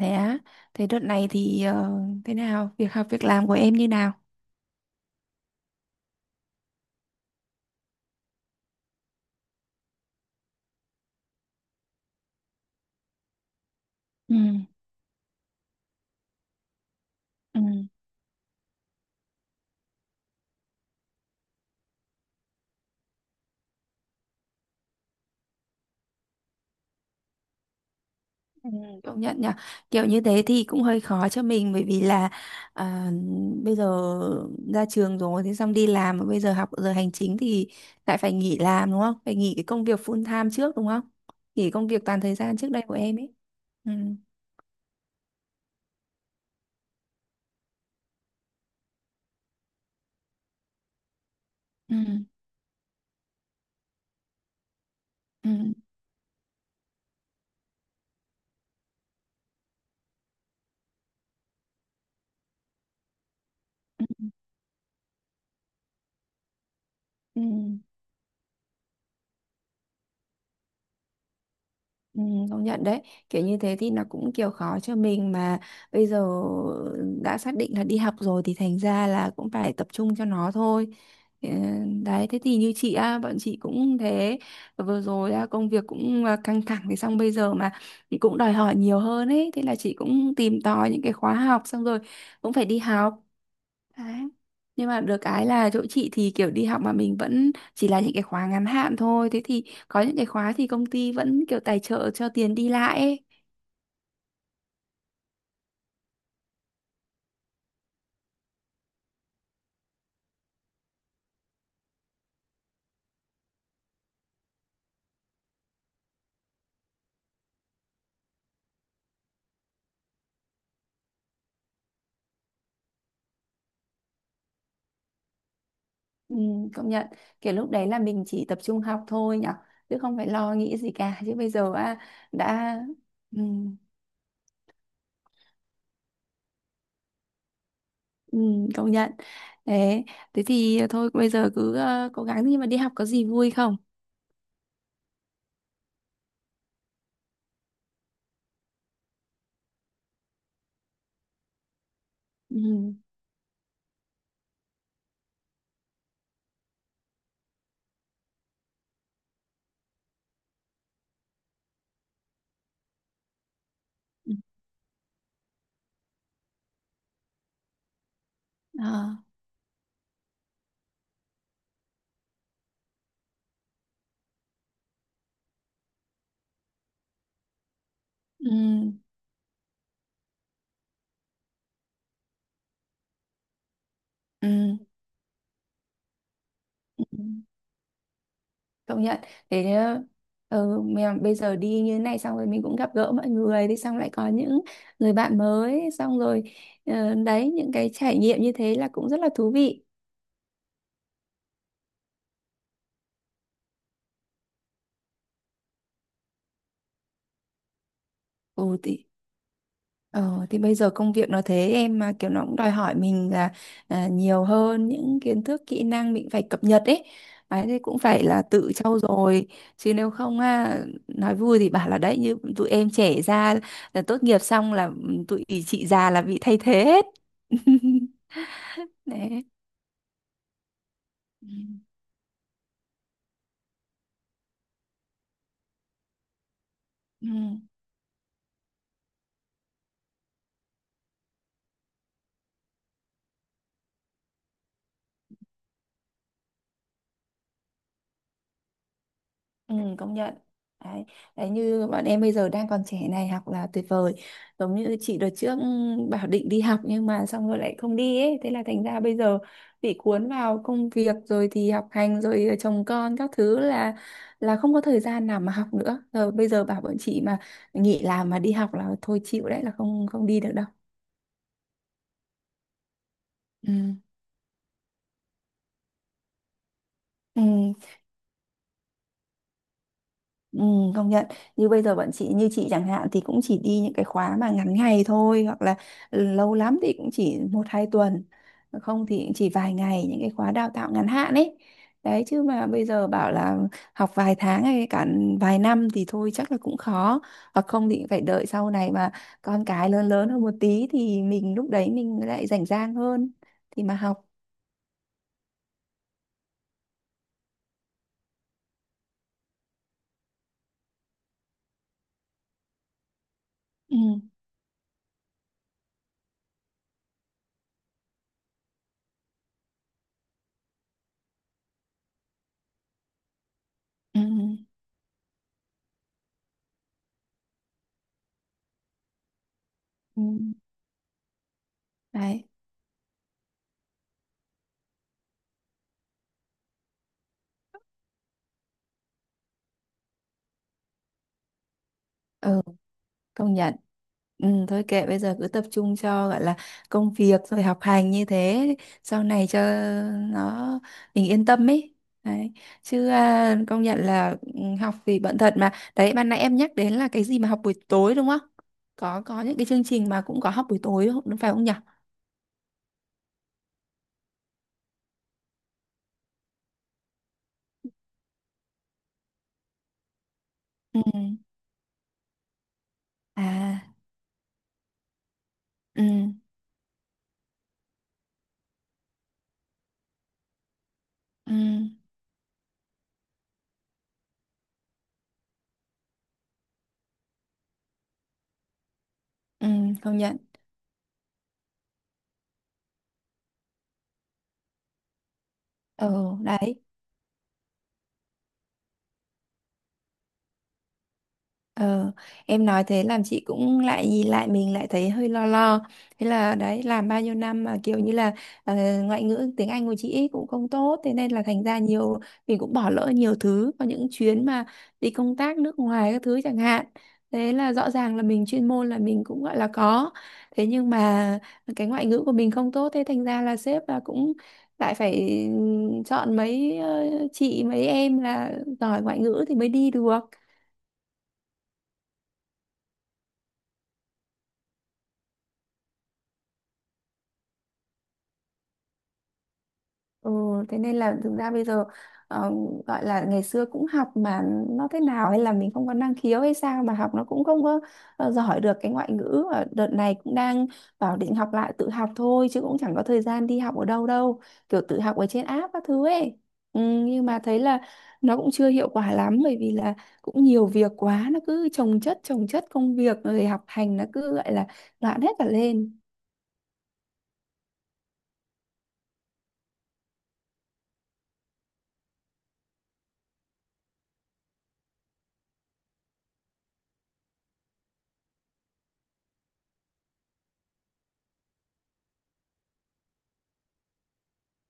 Thế á, thế đợt này thì thế nào? Việc học việc làm của em như nào? Ừ, ừ, ừ, công nhận nhở. Kiểu như thế thì cũng hơi khó cho mình bởi vì là à, bây giờ ra trường rồi thế xong đi làm mà bây giờ học giờ hành chính thì lại phải nghỉ làm đúng không? Phải nghỉ cái công việc full time trước đúng không? Nghỉ công việc toàn thời gian trước đây của em ấy. Ừ, ừ, ừ, ừ, ừ. Ừ, công nhận đấy, kiểu như thế thì nó cũng kiểu khó cho mình, mà bây giờ đã xác định là đi học rồi thì thành ra là cũng phải tập trung cho nó thôi. Ừ, đấy thế thì như chị á, bọn chị cũng thế, vừa rồi á, công việc cũng căng thẳng, thì xong bây giờ mà cũng đòi hỏi nhiều hơn ấy, thế là chị cũng tìm tòi những cái khóa học, xong rồi cũng phải đi học. Đấy. Nhưng mà được cái là chỗ chị thì kiểu đi học mà mình vẫn chỉ là những cái khóa ngắn hạn thôi. Thế thì có những cái khóa thì công ty vẫn kiểu tài trợ cho tiền đi lại ấy. Ừ, công nhận. Kiểu lúc đấy là mình chỉ tập trung học thôi nhở. Chứ không phải lo nghĩ gì cả. Chứ bây giờ đã... Ừ, ừ, công nhận. Thế, thế thì thôi bây giờ cứ cố gắng, nhưng mà đi học có gì vui không? Ừ. Ừ. Ờ. Ừ. Ừ. Ừ, công nhận, thế nhá. Mà bây giờ đi như thế này, xong rồi mình cũng gặp gỡ mọi người, đi xong lại có những người bạn mới, xong rồi đấy, những cái trải nghiệm như thế là cũng rất là thú vị. Ừ thì bây giờ công việc nó thế, em mà kiểu nó cũng đòi hỏi mình là nhiều hơn, những kiến thức kỹ năng mình phải cập nhật ấy. Đấy, thì cũng phải là tự trau dồi, chứ nếu không nói vui thì bảo là đấy, như tụi em trẻ ra là tốt nghiệp xong là tụi chị già là bị thay thế hết. Đấy. Ừ. Ừ. Ừ, công nhận đấy. Đấy như bọn em bây giờ đang còn trẻ này, học là tuyệt vời. Giống như chị đợt trước bảo định đi học, nhưng mà xong rồi lại không đi ấy, thế là thành ra bây giờ bị cuốn vào công việc rồi thì học hành rồi chồng con các thứ, là không có thời gian nào mà học nữa. Rồi bây giờ bảo bọn chị mà nghỉ làm mà đi học là thôi, chịu đấy, là không không đi được đâu. Ừ. Ừ. Ừ, công nhận. Như bây giờ bọn chị, như chị chẳng hạn, thì cũng chỉ đi những cái khóa mà ngắn ngày thôi, hoặc là lâu lắm thì cũng chỉ một hai tuần, không thì cũng chỉ vài ngày, những cái khóa đào tạo ngắn hạn ấy. Đấy, chứ mà bây giờ bảo là học vài tháng hay cả vài năm thì thôi chắc là cũng khó, hoặc không thì phải đợi sau này mà con cái lớn lớn hơn một tí, thì mình lúc đấy mình lại rảnh rang hơn thì mà học. Ừ, ừ, ừ. Ừ. Đấy. Ừ, công nhận. Thôi kệ, bây giờ cứ tập trung cho gọi là công việc rồi học hành như thế, sau này cho nó mình yên tâm ấy. Đấy, chứ công nhận là học thì bận thật, mà đấy ban nãy em nhắc đến là cái gì mà học buổi tối đúng không, có những cái chương trình mà cũng có học buổi tối đúng phải không nhỉ. Ừ. À. Ừ. Ừ. Ừ, công nhận. Ừ, đấy. Ờ, em nói thế làm chị cũng lại nhìn lại mình, lại thấy hơi lo lo. Thế là đấy, làm bao nhiêu năm mà kiểu như là ờ, ngoại ngữ tiếng Anh của chị ấy cũng không tốt, thế nên là thành ra nhiều mình cũng bỏ lỡ nhiều thứ, có những chuyến mà đi công tác nước ngoài các thứ chẳng hạn. Thế là rõ ràng là mình chuyên môn là mình cũng gọi là có. Thế nhưng mà cái ngoại ngữ của mình không tốt, thế thành ra là sếp là cũng lại phải chọn mấy chị, mấy em là giỏi ngoại ngữ thì mới đi được. Ừ, thế nên là thực ra bây giờ ờ, gọi là ngày xưa cũng học, mà nó thế nào, hay là mình không có năng khiếu hay sao mà học nó cũng không có giỏi được cái ngoại ngữ. Và đợt này cũng đang bảo định học lại, tự học thôi chứ cũng chẳng có thời gian đi học ở đâu đâu, kiểu tự học ở trên app các thứ ấy. ừ, nhưng mà thấy là nó cũng chưa hiệu quả lắm, bởi vì là cũng nhiều việc quá, nó cứ chồng chất công việc rồi học hành, nó cứ gọi là loạn hết cả lên.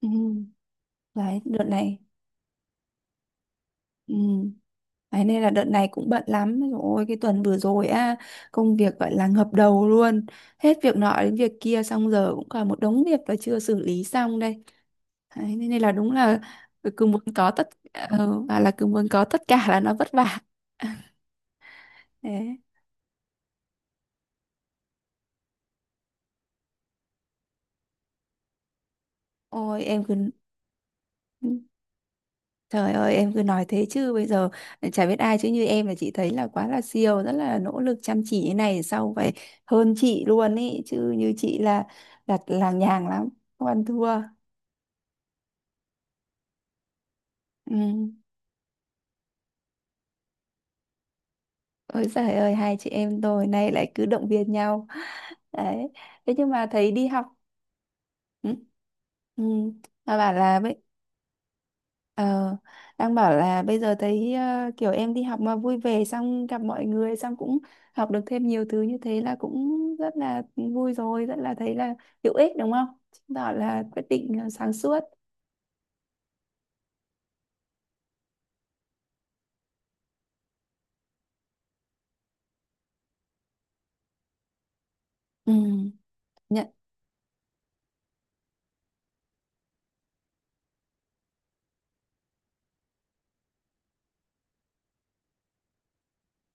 Ừ, đấy đợt này. Ừ. Đấy, nên là đợt này cũng bận lắm. Ôi, cái tuần vừa rồi á, công việc gọi là ngập đầu luôn. Hết việc nọ đến việc kia. Xong giờ cũng còn một đống việc là chưa xử lý xong đây. Đấy, Nên nên là đúng là Cứ muốn có tất ờ, và là cứ muốn có tất cả là nó vất vả. Đấy. Ôi em cứ Trời ơi, em cứ nói thế chứ, bây giờ chả biết ai chứ như em là chị thấy là quá là siêu. Rất là nỗ lực chăm chỉ như này, sau phải hơn chị luôn ý. Chứ như chị là đặt làng nhàng lắm, không ăn thua. Ừ. Ôi giời ơi, hai chị em tôi nay lại cứ động viên nhau. Đấy, thế nhưng mà thấy đi học. Ừ. Ừ. Nó bảo là bây ờ, đang bảo là bây giờ thấy kiểu em đi học mà vui vẻ, xong gặp mọi người, xong cũng học được thêm nhiều thứ như thế, là cũng rất là vui rồi, rất là thấy là hữu ích đúng không, chứng tỏ là quyết định sáng suốt. Ừ.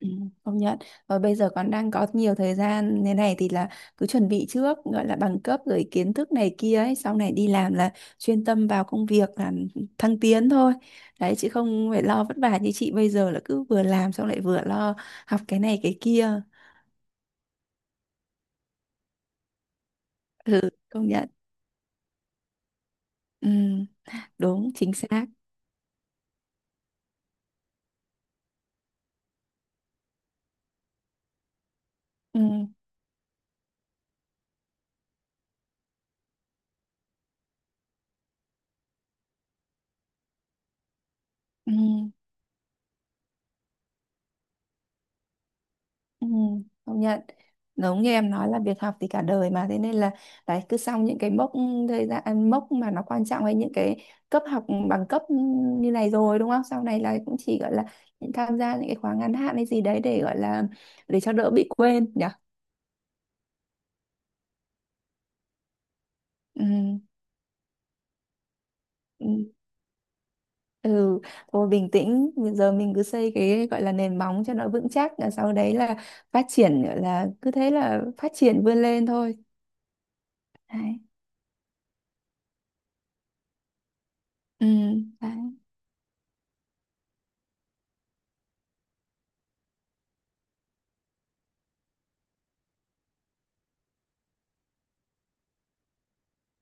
Ừ, công nhận. Và bây giờ còn đang có nhiều thời gian thế này thì là cứ chuẩn bị trước gọi là bằng cấp rồi kiến thức này kia ấy, sau này đi làm là chuyên tâm vào công việc làm, thăng tiến thôi. Đấy, chứ không phải lo vất vả như chị bây giờ là cứ vừa làm xong lại vừa lo học cái này cái kia. Ừ, công nhận. Ừ, đúng chính xác. Ừ, ừ. Ừ, công nhận, giống như em nói là việc học thì cả đời, mà thế nên là đấy cứ xong những cái mốc thời gian, mốc mà nó quan trọng hay những cái cấp học bằng cấp như này rồi đúng không, sau này là cũng chỉ gọi là những tham gia những cái khóa ngắn hạn hay gì đấy để gọi là để cho đỡ bị quên nhỉ. Ừ, ừ, ừ. Thôi bình tĩnh, bây giờ mình cứ xây cái gọi là nền móng cho nó vững chắc, rồi sau đấy là phát triển, gọi là cứ thế là phát triển vươn lên thôi. Đấy. Ừ, đấy.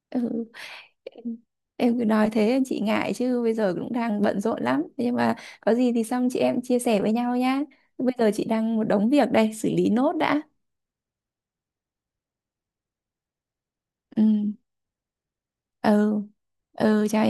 Ừ. Em cứ nói thế chị ngại, chứ bây giờ cũng đang bận rộn lắm. Thế nhưng mà có gì thì xong chị em chia sẻ với nhau nhá. Bây giờ chị đang một đống việc đây, xử lý nốt đã. Ừ, ừ, ừ, chào.